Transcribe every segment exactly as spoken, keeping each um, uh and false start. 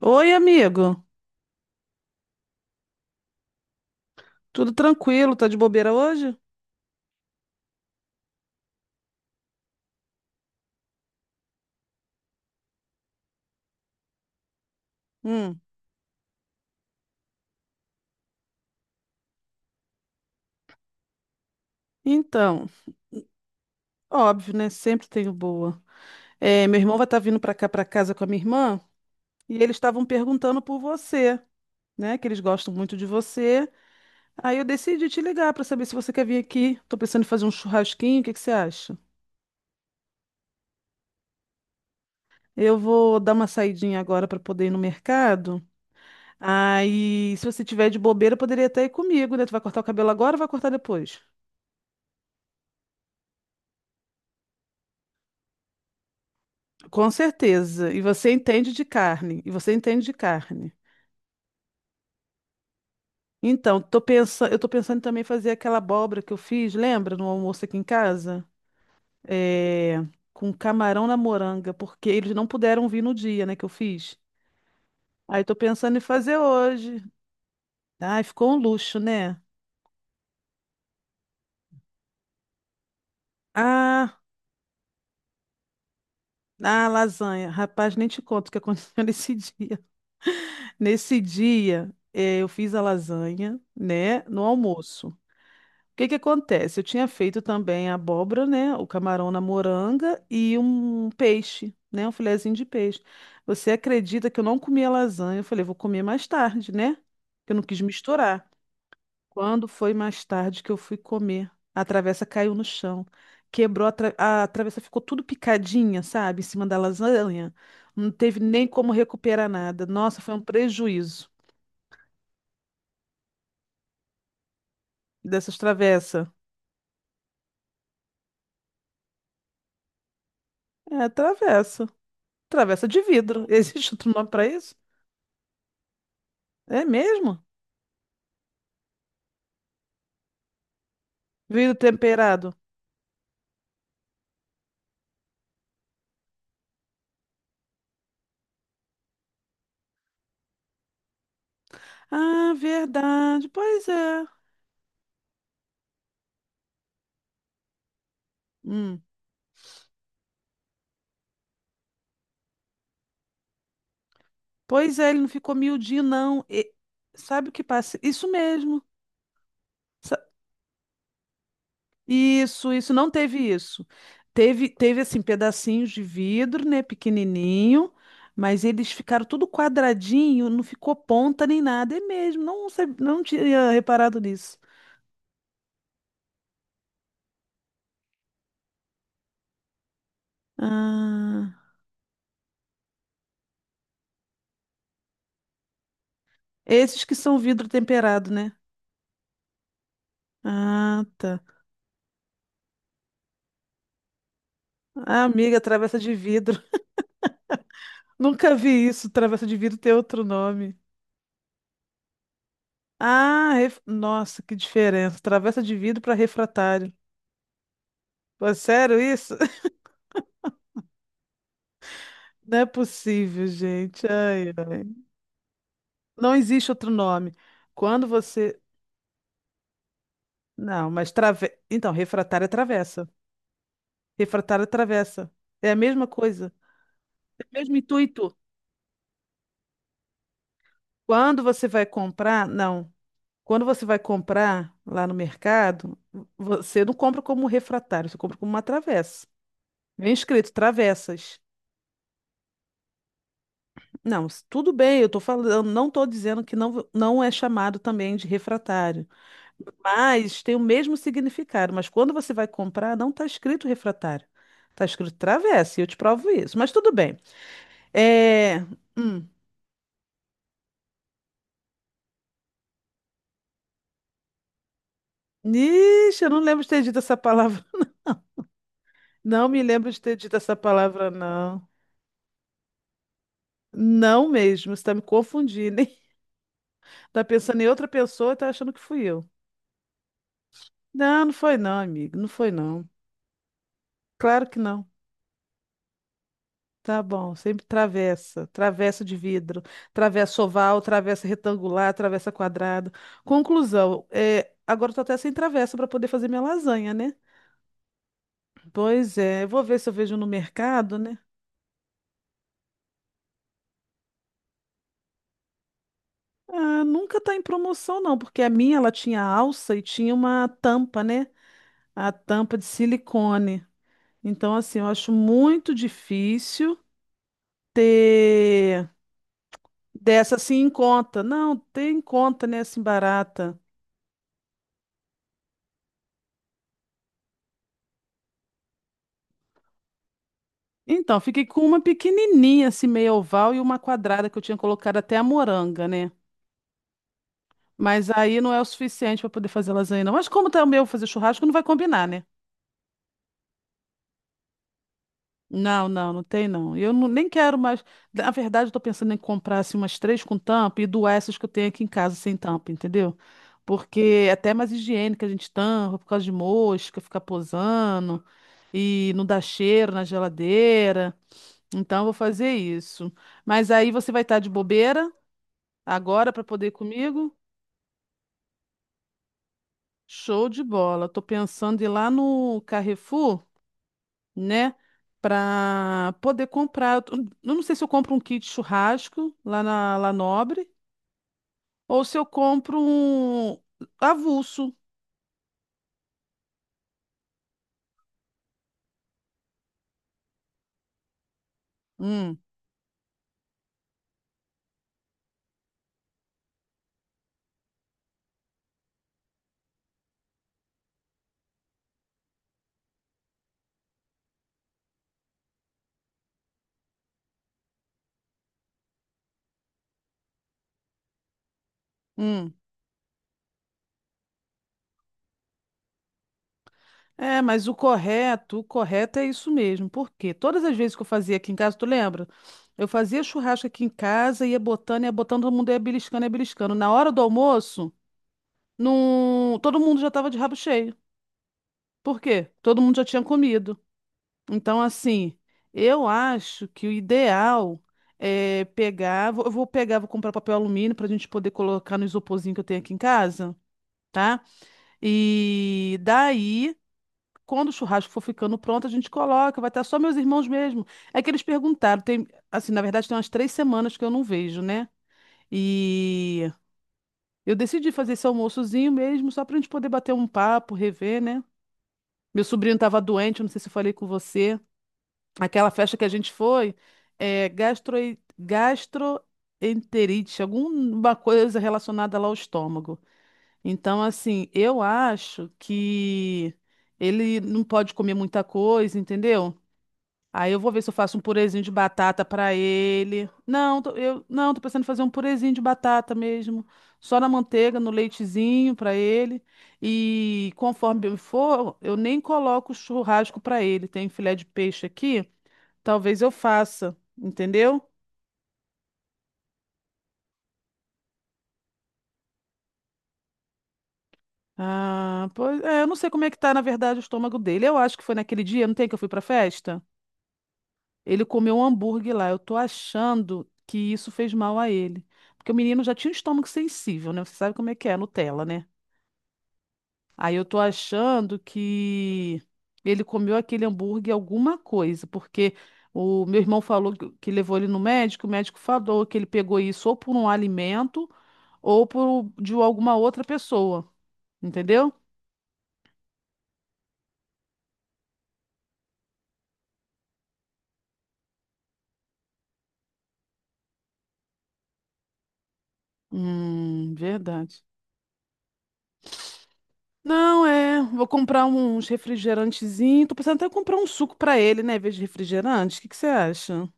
Oi, amigo. Tudo tranquilo? Tá de bobeira hoje? Hum. Então, óbvio, né? Sempre tenho boa. É, meu irmão vai estar vindo pra cá, pra casa com a minha irmã, e eles estavam perguntando por você, né? Que eles gostam muito de você. Aí eu decidi te ligar pra saber se você quer vir aqui. Tô pensando em fazer um churrasquinho, o que que você acha? Eu vou dar uma saidinha agora pra poder ir no mercado. Aí, se você tiver de bobeira, poderia até ir comigo, né? Tu vai cortar o cabelo agora ou vai cortar depois? Com certeza. E você entende de carne. E você entende de carne. Então, tô pensando, eu tô pensando em também fazer aquela abóbora que eu fiz, lembra, no almoço aqui em casa? É, com camarão na moranga, porque eles não puderam vir no dia, né, que eu fiz. Aí tô pensando em fazer hoje. Ai, ficou um luxo, né? Ah, ah, lasanha. Rapaz, nem te conto o que aconteceu nesse dia. Nesse dia, eh, eu fiz a lasanha, né, no almoço. O que que acontece? Eu tinha feito também a abóbora, né? O camarão na moranga e um peixe, né? Um filezinho de peixe. Você acredita que eu não comi a lasanha? Eu falei, vou comer mais tarde, né? Que eu não quis misturar. Quando foi mais tarde que eu fui comer, a travessa caiu no chão. Quebrou a, tra- a travessa, ficou tudo picadinha, sabe? Em cima da lasanha. Não teve nem como recuperar nada. Nossa, foi um prejuízo dessas travessas. É, travessa. Travessa de vidro. Existe outro nome para isso? É mesmo? Vidro temperado. Ah, verdade. Pois é. Hum. Pois é, ele não ficou miudinho, não. E- sabe o que passa? Isso mesmo. Sa- Isso, isso. Não teve isso. Teve, teve assim, pedacinhos de vidro, né? Pequenininho. Mas eles ficaram tudo quadradinho, não ficou ponta nem nada. É mesmo. Não, sab- não tinha reparado nisso. Ah, esses que são vidro temperado, né? Ah, tá. Ah, amiga, travessa de vidro. Nunca vi isso. Travessa de vidro ter outro nome. Ah, ref- nossa, que diferença. Travessa de vidro para refratário. Pô, é sério isso? Não é possível, gente. Ai, ai. Não existe outro nome. Quando você. Não, mas trave... Então, refratário é travessa. Refratário é travessa. É a mesma coisa. É o mesmo intuito. Quando você vai comprar, não. Quando você vai comprar lá no mercado, você não compra como refratário, você compra como uma travessa. Vem escrito travessas. Não, s- tudo bem, eu tô falando, não estou dizendo que não, não é chamado também de refratário, mas tem o mesmo significado. Mas quando você vai comprar, não está escrito refratário, está escrito travessa, e eu te provo isso. Mas tudo bem. É... Hum. Ixi, eu não lembro de ter dito essa palavra, não. Não me lembro de ter dito essa palavra, não. Não mesmo, você está me confundindo, hein? Tá pensando em outra pessoa e tá achando que fui eu. Não, não foi não, amigo, não foi não. Claro que não. Tá bom, sempre travessa, travessa de vidro, travessa oval, travessa retangular, travessa quadrado. Conclusão, é, agora eu tô até sem travessa para poder fazer minha lasanha, né? Pois é, eu vou ver se eu vejo no mercado, né? Ah, nunca tá em promoção não, porque a minha ela tinha alça e tinha uma tampa, né? A tampa de silicone. Então assim, eu acho muito difícil ter dessa assim em conta. Não, ter em conta, né, assim barata. Então, fiquei com uma pequenininha, assim, meio oval, e uma quadrada que eu tinha colocado até a moranga, né? Mas aí não é o suficiente para poder fazer lasanha, não. Mas como tá o meu fazer churrasco, não vai combinar, né? Não, não, não tem não. Eu não- nem quero mais. Na verdade, eu tô pensando em comprar assim, umas três com tampa e doar essas que eu tenho aqui em casa sem tampa, entendeu? Porque é até mais higiênica a gente tampa por causa de mosca, ficar posando e não dá cheiro na geladeira. Então, eu vou fazer isso. Mas aí você vai estar de bobeira. Agora para poder ir comigo? Show de bola. Tô pensando em ir lá no Carrefour, né? Para poder comprar. Eu tô- eu não sei se eu compro um kit churrasco lá na La Nobre ou se eu compro um avulso. Hum, hum. É, mas o correto, o correto é isso mesmo. Porque todas as vezes que eu fazia aqui em casa, tu lembra? Eu fazia churrasco aqui em casa, ia botando, ia botando, todo mundo ia beliscando, ia beliscando. Na hora do almoço, não... todo mundo já estava de rabo cheio. Por quê? Todo mundo já tinha comido. Então, assim, eu acho que o ideal é pegar. vou- Eu vou pegar, vou comprar papel alumínio para a gente poder colocar no isoporzinho que eu tenho aqui em casa, tá? E daí, quando o churrasco for ficando pronto, a gente coloca. Vai estar só meus irmãos mesmo. É que eles perguntaram. Tem, assim, na verdade, tem umas três semanas que eu não vejo, né? E eu decidi fazer esse almoçozinho mesmo, só para a gente poder bater um papo, rever, né? Meu sobrinho estava doente, eu não sei se eu falei com você. Aquela festa que a gente foi, é gastro, gastroenterite, alguma coisa relacionada lá ao estômago. Então, assim, eu acho que ele não pode comer muita coisa, entendeu? Aí eu vou ver se eu faço um purezinho de batata pra ele. Não, tô- eu não, tô pensando em fazer um purezinho de batata mesmo, só na manteiga, no leitezinho pra ele. E conforme eu for, eu nem coloco churrasco pra ele. Tem filé de peixe aqui. Talvez eu faça, entendeu? Ah, pois é, eu não sei como é que tá, na verdade, o estômago dele. Eu acho que foi naquele dia, não tem que eu fui pra festa? Ele comeu um hambúrguer lá. Eu tô achando que isso fez mal a ele. Porque o menino já tinha um estômago sensível, né? Você sabe como é que é, Nutella, né? Aí eu tô achando que ele comeu aquele hambúrguer alguma coisa, porque o meu irmão falou que que levou ele no médico, o médico falou que ele pegou isso ou por um alimento ou por de alguma outra pessoa, entendeu? Hum, verdade. Não, é. Vou comprar uns refrigerantezinhos. Tô pensando até em comprar um suco pra ele, né? Em vez de refrigerante. O que que você acha?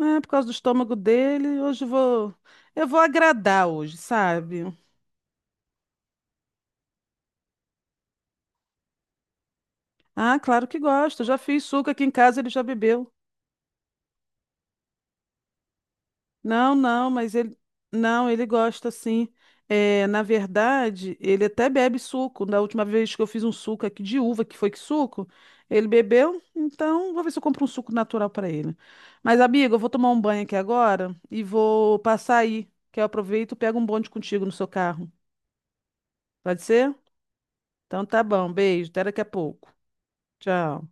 É, por causa do estômago dele, hoje eu vou. Eu vou agradar hoje, sabe? Ah, claro que gosto. Eu já fiz suco aqui em casa, ele já bebeu. Não, não, mas ele não, ele gosta sim. É, na verdade, ele até bebe suco. Da última vez que eu fiz um suco aqui de uva, que foi que suco, ele bebeu. Então, vou ver se eu compro um suco natural para ele. Mas, amiga, eu vou tomar um banho aqui agora e vou passar aí, que eu aproveito e pego um bonde contigo no seu carro. Pode ser? Então tá bom, beijo, até daqui a pouco. Tchau.